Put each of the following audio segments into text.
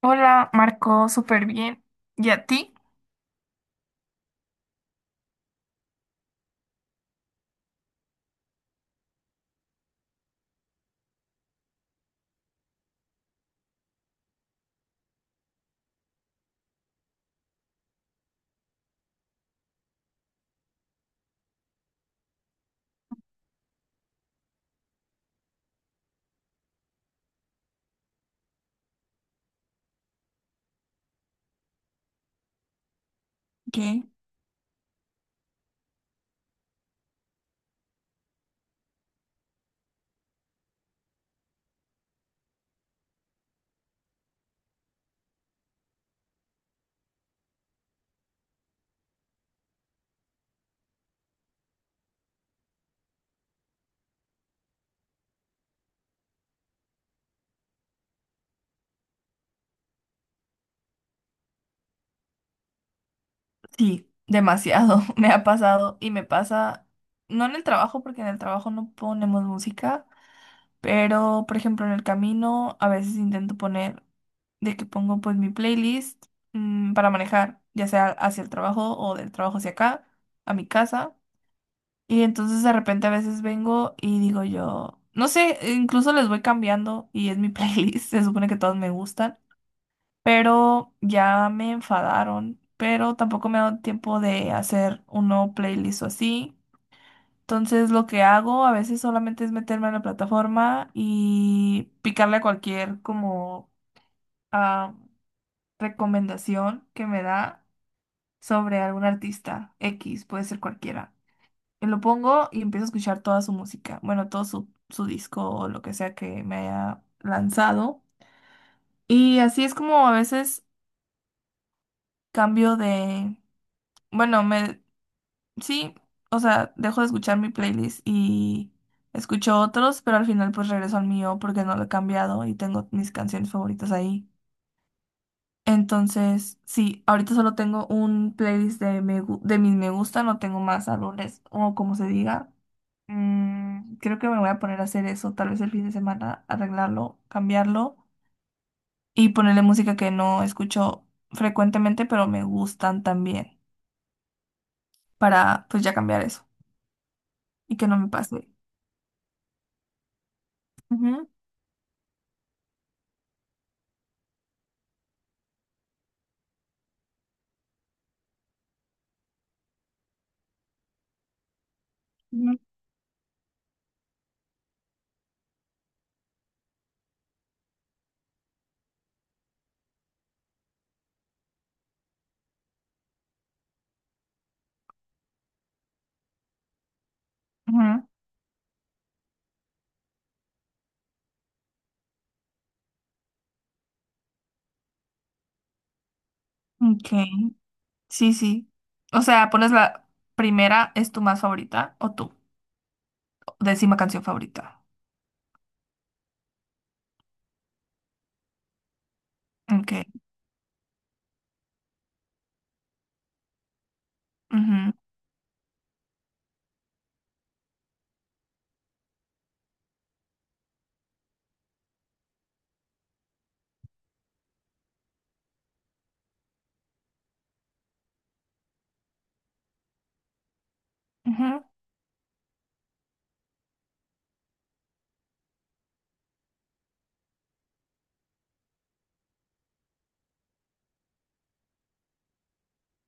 Hola, Marco, súper bien. ¿Y a ti? Sí, demasiado. Me ha pasado y me pasa, no en el trabajo, porque en el trabajo no ponemos música, pero por ejemplo en el camino a veces intento poner, de que pongo pues mi playlist para manejar, ya sea hacia el trabajo o del trabajo hacia acá, a mi casa. Y entonces de repente a veces vengo y digo yo, no sé, incluso les voy cambiando y es mi playlist, se supone que todos me gustan, pero ya me enfadaron, pero tampoco me ha dado tiempo de hacer un nuevo playlist o así. Entonces lo que hago a veces solamente es meterme en la plataforma y picarle a cualquier como ah, recomendación que me da sobre algún artista X, puede ser cualquiera. Y lo pongo y empiezo a escuchar toda su música, bueno, todo su, su disco o lo que sea que me haya lanzado. Y así es como a veces cambio de... Bueno, me... Sí, o sea, dejo de escuchar mi playlist y escucho otros, pero al final pues regreso al mío porque no lo he cambiado y tengo mis canciones favoritas ahí. Entonces, sí, ahorita solo tengo un playlist de, me, de mis me gusta, no tengo más álbumes o como se diga. Creo que me voy a poner a hacer eso, tal vez el fin de semana, arreglarlo, cambiarlo y ponerle música que no escucho frecuentemente, pero me gustan también, para pues ya cambiar eso y que no me pase. Ujú. Ujú. Ok, sí, sí. O sea, pones la primera, ¿es tu más favorita o tu décima canción favorita? Ok, ujú, ujú.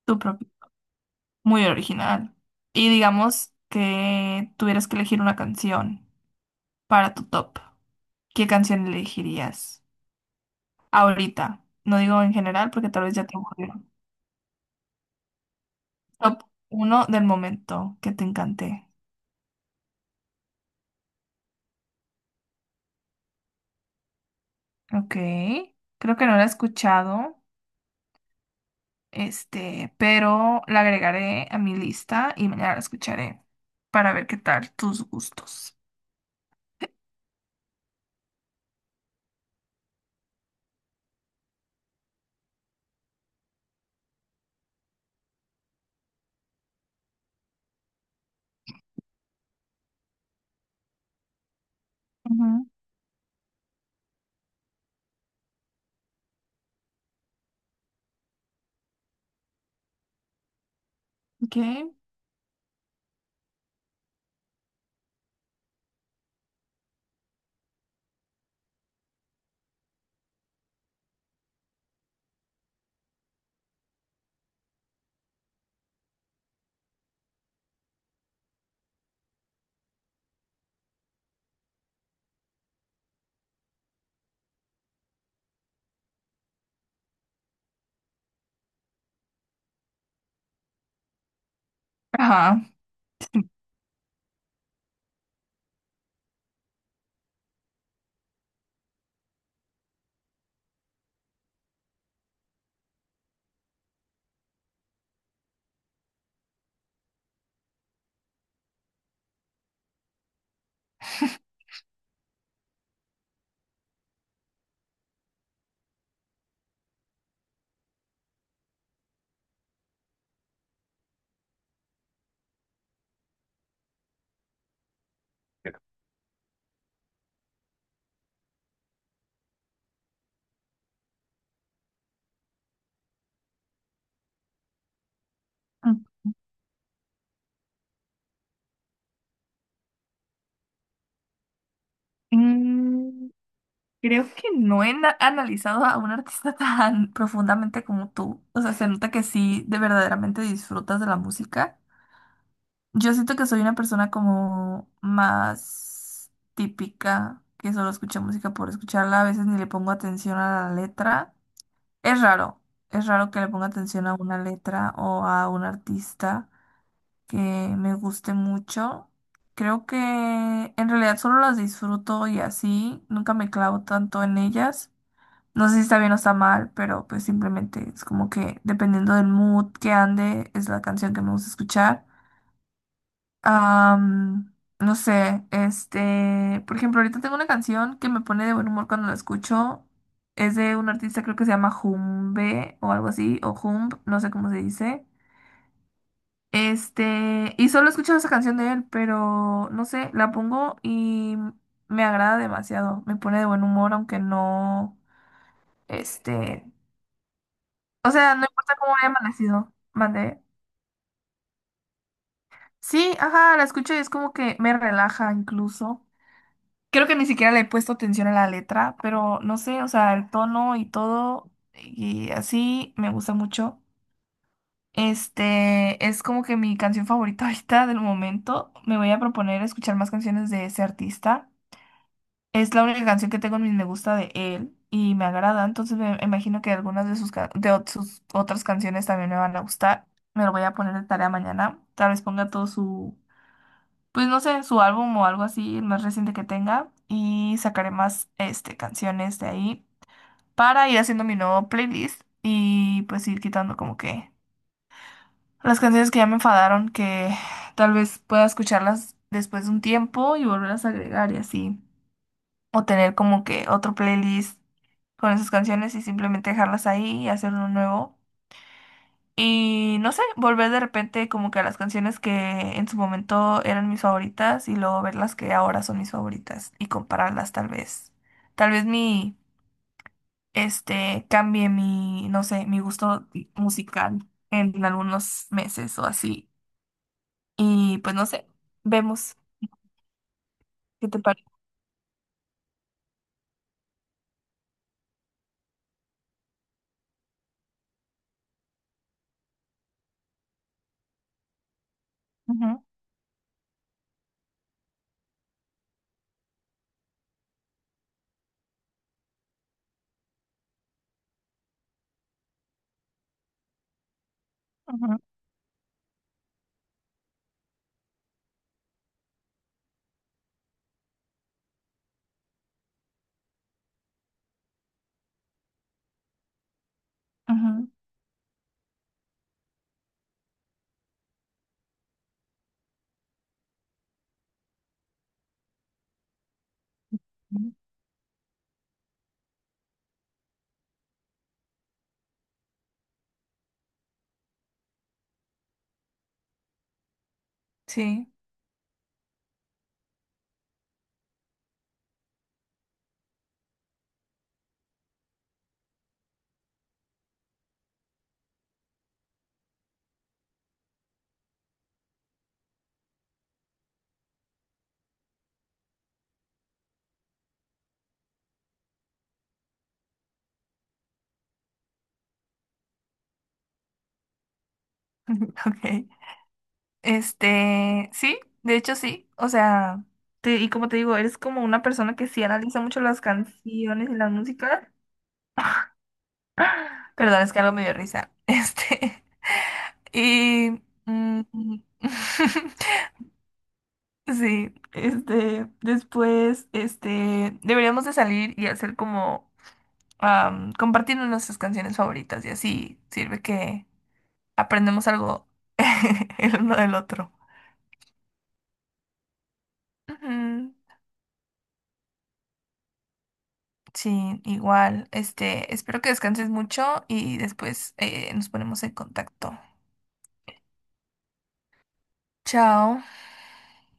Tu propio. Muy original. Y digamos que tuvieras que elegir una canción para tu top. ¿Qué canción elegirías ahorita? No digo en general porque tal vez ya te aburrió. Top uno del momento que te encanté. Ok, creo que no la he escuchado. Este, pero la agregaré a mi lista y mañana la escucharé para ver qué tal tus gustos. Ujú. Ok. Ajá. Mm, Creo que no he analizado a un artista tan profundamente como tú. O sea, se nota que sí, de verdaderamente disfrutas de la música. Yo siento que soy una persona como más típica, que solo escucha música por escucharla. A veces ni le pongo atención a la letra. Es raro, es raro que le ponga atención a una letra o a un artista que me guste mucho. Creo que en realidad solo las disfruto y así, nunca me clavo tanto en ellas. No sé si está bien o está mal, pero pues simplemente es como que dependiendo del mood que ande, es la canción que me gusta escuchar. Am, no sé, este, por ejemplo, ahorita tengo una canción que me pone de buen humor cuando la escucho. Es de un artista, creo que se llama Jumbe o algo así, o Jumb, no sé cómo se dice. Este, y solo he escuchado esa canción de él, pero no sé, la pongo y me agrada demasiado. Me pone de buen humor, aunque no, este, o sea, no importa cómo haya amanecido. Mandé. Sí, ajá, la escucho y es como que me relaja incluso. Creo que ni siquiera le he puesto atención a la letra, pero no sé, o sea, el tono y todo, y así me gusta mucho. Este es como que mi canción favorita ahorita del momento. Me voy a proponer escuchar más canciones de ese artista. Es la única canción que tengo en mis me gusta de él y me agrada, entonces me imagino que algunas de sus, sus otras canciones también me van a gustar. Me lo voy a poner de tarea mañana. Tal vez ponga todo su... pues no sé, su álbum o algo así, el más reciente que tenga, y sacaré más este, canciones de ahí para ir haciendo mi nuevo playlist y pues ir quitando como que las canciones que ya me enfadaron, que tal vez pueda escucharlas después de un tiempo y volverlas a agregar y así, o tener como que otro playlist con esas canciones y simplemente dejarlas ahí y hacer uno nuevo. Y no sé, volver de repente como que a las canciones que en su momento eran mis favoritas y luego ver las que ahora son mis favoritas y compararlas tal vez. Tal vez mi, este, cambie mi, no sé, mi gusto musical en algunos meses o así. Y pues no sé, vemos qué te parece. Ujú, ujú, ujú, ujú. Sí, ok. Este, sí, de hecho sí, o sea, y como te digo, eres como una persona que sí analiza mucho las canciones y la música. Perdón, es que algo me dio risa. Este, y... sí, este, después, este, deberíamos de salir y hacer como compartirnos nuestras canciones favoritas y así sirve que aprendemos algo el uno del otro. Ujú. Sí, igual. Este, espero que descanses mucho y después nos ponemos en contacto. Chao.